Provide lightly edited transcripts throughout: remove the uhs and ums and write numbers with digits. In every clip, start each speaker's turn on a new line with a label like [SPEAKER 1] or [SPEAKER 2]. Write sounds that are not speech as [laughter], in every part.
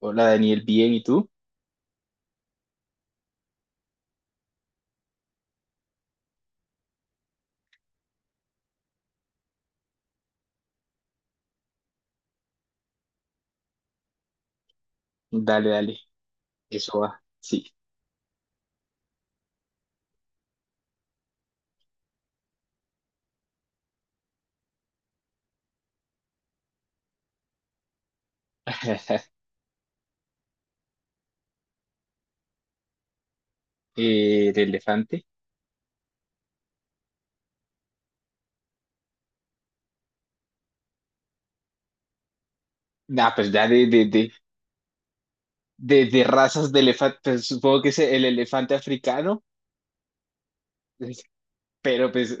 [SPEAKER 1] Hola Daniel, bien, ¿y tú? Dale, dale, eso va, sí. [laughs] De elefante. Ah, pues ya de razas de elefante, pues supongo que es el elefante africano, [laughs] pues, pero pues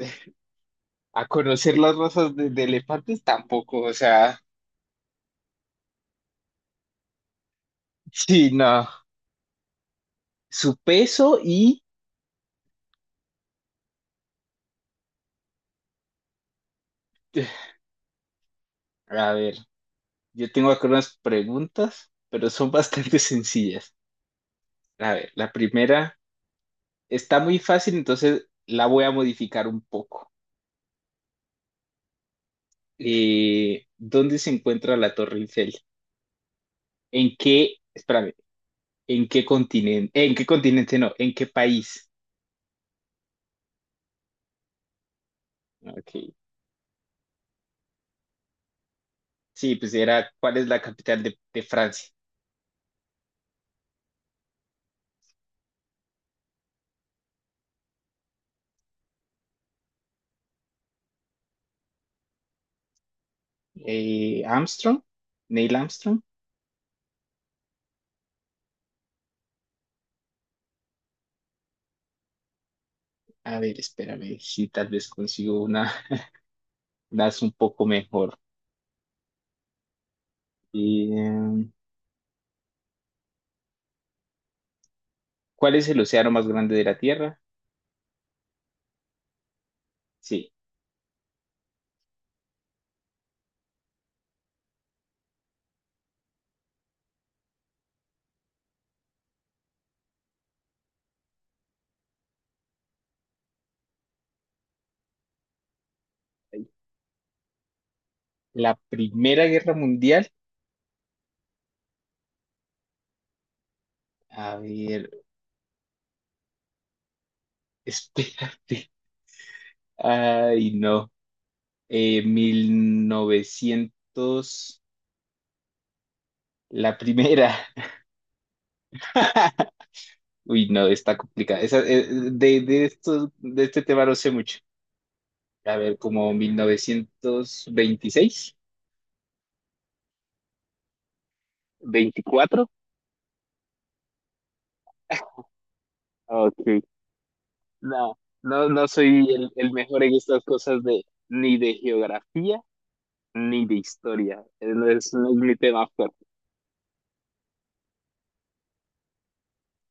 [SPEAKER 1] a conocer las razas de elefantes tampoco, o sea, sí, no. Su peso y, a ver, yo tengo acá unas preguntas, pero son bastante [laughs] sencillas. A ver, la primera está muy fácil, entonces la voy a modificar un poco. ¿Dónde se encuentra la Torre Eiffel? Espérame, ¿en qué continente, en qué continente no, en qué país? Ok. Sí, pues era, ¿cuál es la capital de Francia? Armstrong, Neil Armstrong. A ver, espérame, si tal vez consigo una, [laughs] das un poco mejor. Eh, ¿Cuál es el océano más grande de la Tierra? Sí, la Primera Guerra Mundial. A ver, [laughs] espérate. Ay, no. 1900, la primera. [laughs] Uy, no, está complicada. Esa, de este tema no sé mucho. A ver, como 1926, 24. [laughs] Ok. No, no, soy el mejor en estas cosas de ni de geografía ni de historia. No es, no es mi tema fuerte.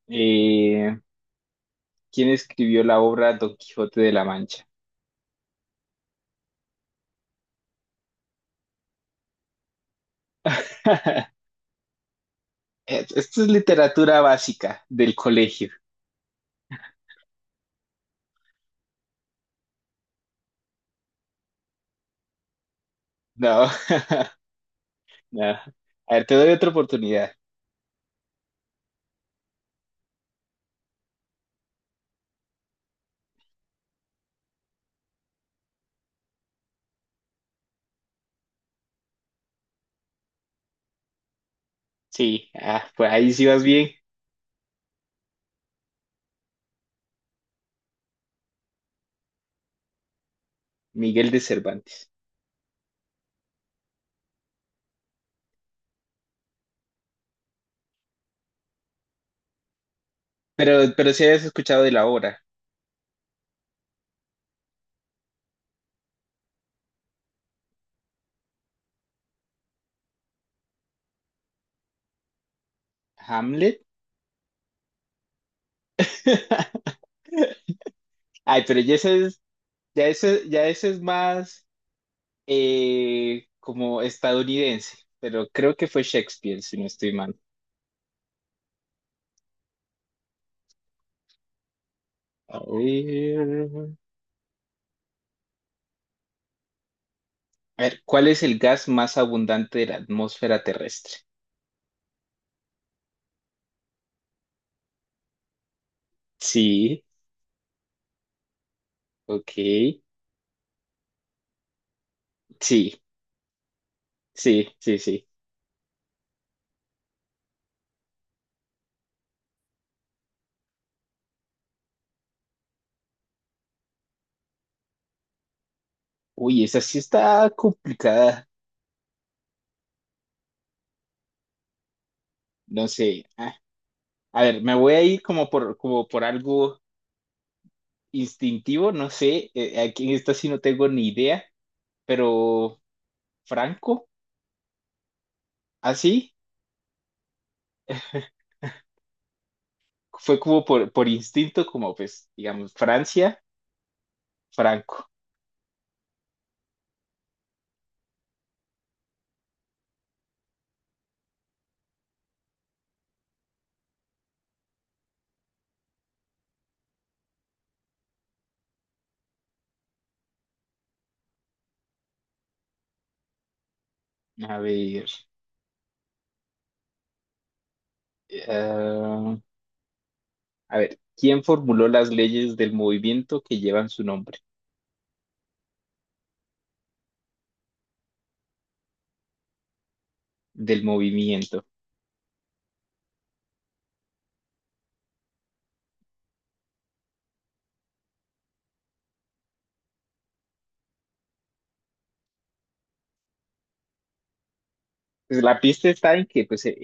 [SPEAKER 1] Eh, ¿Quién escribió la obra Don Quijote de la Mancha? [laughs] Esto es literatura básica del colegio. No, [laughs] no. A ver, te doy otra oportunidad. Sí, ah, pues ahí sí vas bien, Miguel de Cervantes. Pero si habías escuchado de la obra, Hamlet. [laughs] Ay, pero ya ese es más como estadounidense, pero creo que fue Shakespeare, si no estoy mal. A ver. A ver, ¿cuál es el gas más abundante de la atmósfera terrestre? Sí, ok. Sí, sí, sí, sí. Uy, esa sí está complicada. No sé. Ah, a ver, me voy a ir como por, como por algo instintivo, no sé. Aquí en esta sí no tengo ni idea, pero Franco, así, [laughs] fue como por instinto, como pues, digamos, Francia, Franco. A ver, eh, ah, a ver, ¿quién formuló las leyes del movimiento que llevan su nombre? Del movimiento. Pues la pista está en que pues,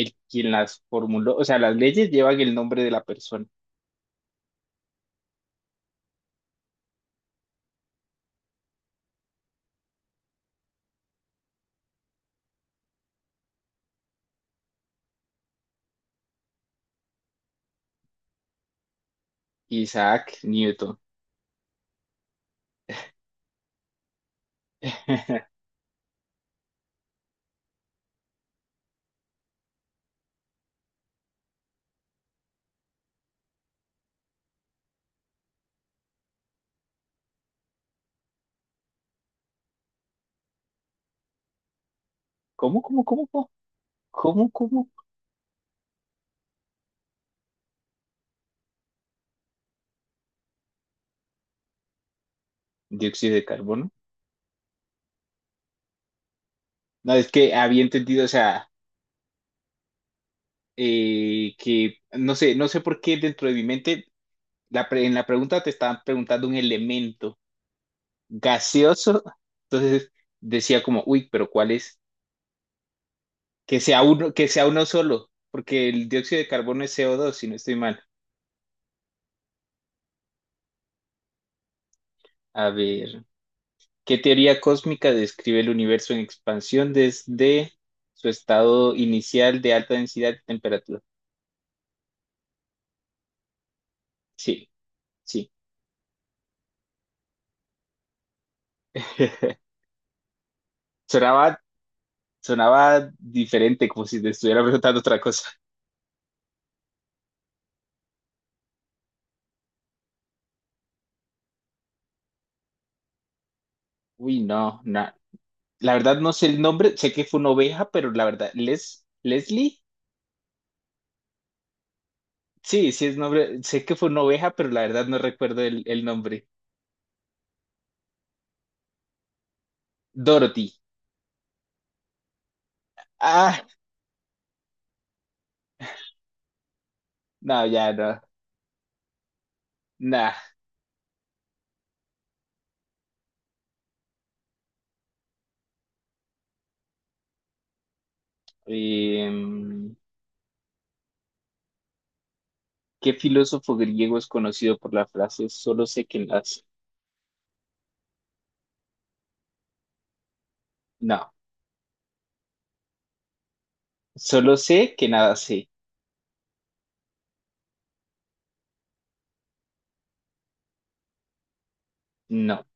[SPEAKER 1] el quien las formuló, o sea, las leyes llevan el nombre de la persona, Isaac Newton. [laughs] ¿Cómo, cómo, cómo, cómo, cómo? Dióxido de carbono. No, es que había entendido, o sea, que no sé, no sé por qué dentro de mi mente, en la pregunta te estaban preguntando un elemento gaseoso, entonces decía como, uy, pero ¿cuál es? Que sea uno solo, porque el dióxido de carbono es co dos si no estoy mal. A ver. ¿Qué teoría cósmica describe el universo en expansión desde su estado inicial de alta densidad y temperatura? Sí, sí. [laughs] Sonaba, sonaba diferente, como si te estuviera preguntando otra cosa. Uy, no, no. La verdad no sé el nombre, sé que fue una oveja, pero la verdad, ¿Les, Leslie? Sí, sí es nombre, sé que fue una oveja, pero la verdad no recuerdo el nombre. Dorothy. Ah, no, ya no. Nah. Em, ¿Qué filósofo griego es conocido por la frase solo sé que nada sé? No, solo sé que nada sé. No,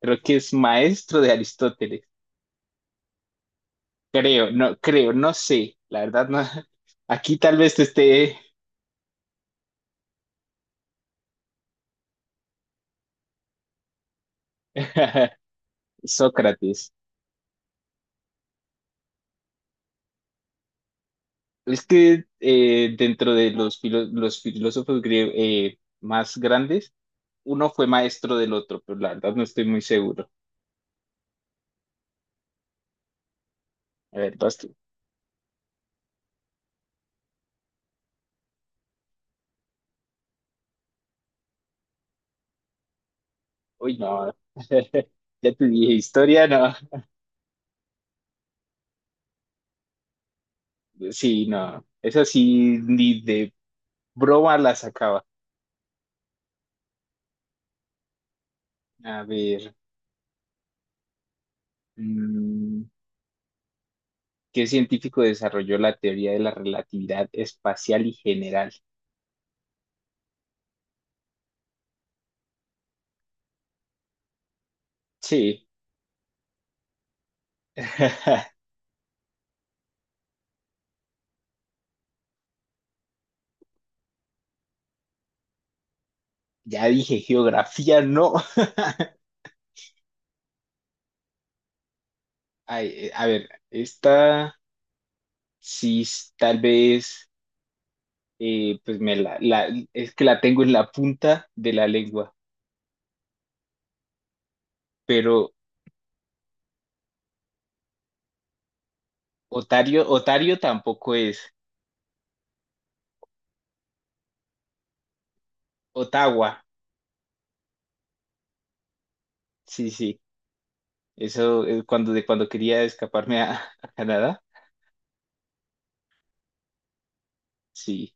[SPEAKER 1] creo que es maestro de Aristóteles. Creo, no sé. La verdad, no. [laughs] Aquí tal vez esté [laughs] Sócrates. Es que dentro de los, los filósofos griegos más grandes, uno fue maestro del otro, pero la verdad no estoy muy seguro. A ver, vas tú. Uy, no. [laughs] Ya te dije, historia, no. Sí, no, esa sí ni de broma la sacaba. A ver, mm, ¿qué científico desarrolló la teoría de la relatividad espacial y general? Sí, [laughs] ya dije geografía, no. Ay, a ver, esta sí tal vez, pues me es que la tengo en la punta de la lengua, pero Otario, Otario tampoco es. Ottawa, sí, sí. Eso, cuando, de cuando quería escaparme a, [laughs] a Canadá, sí.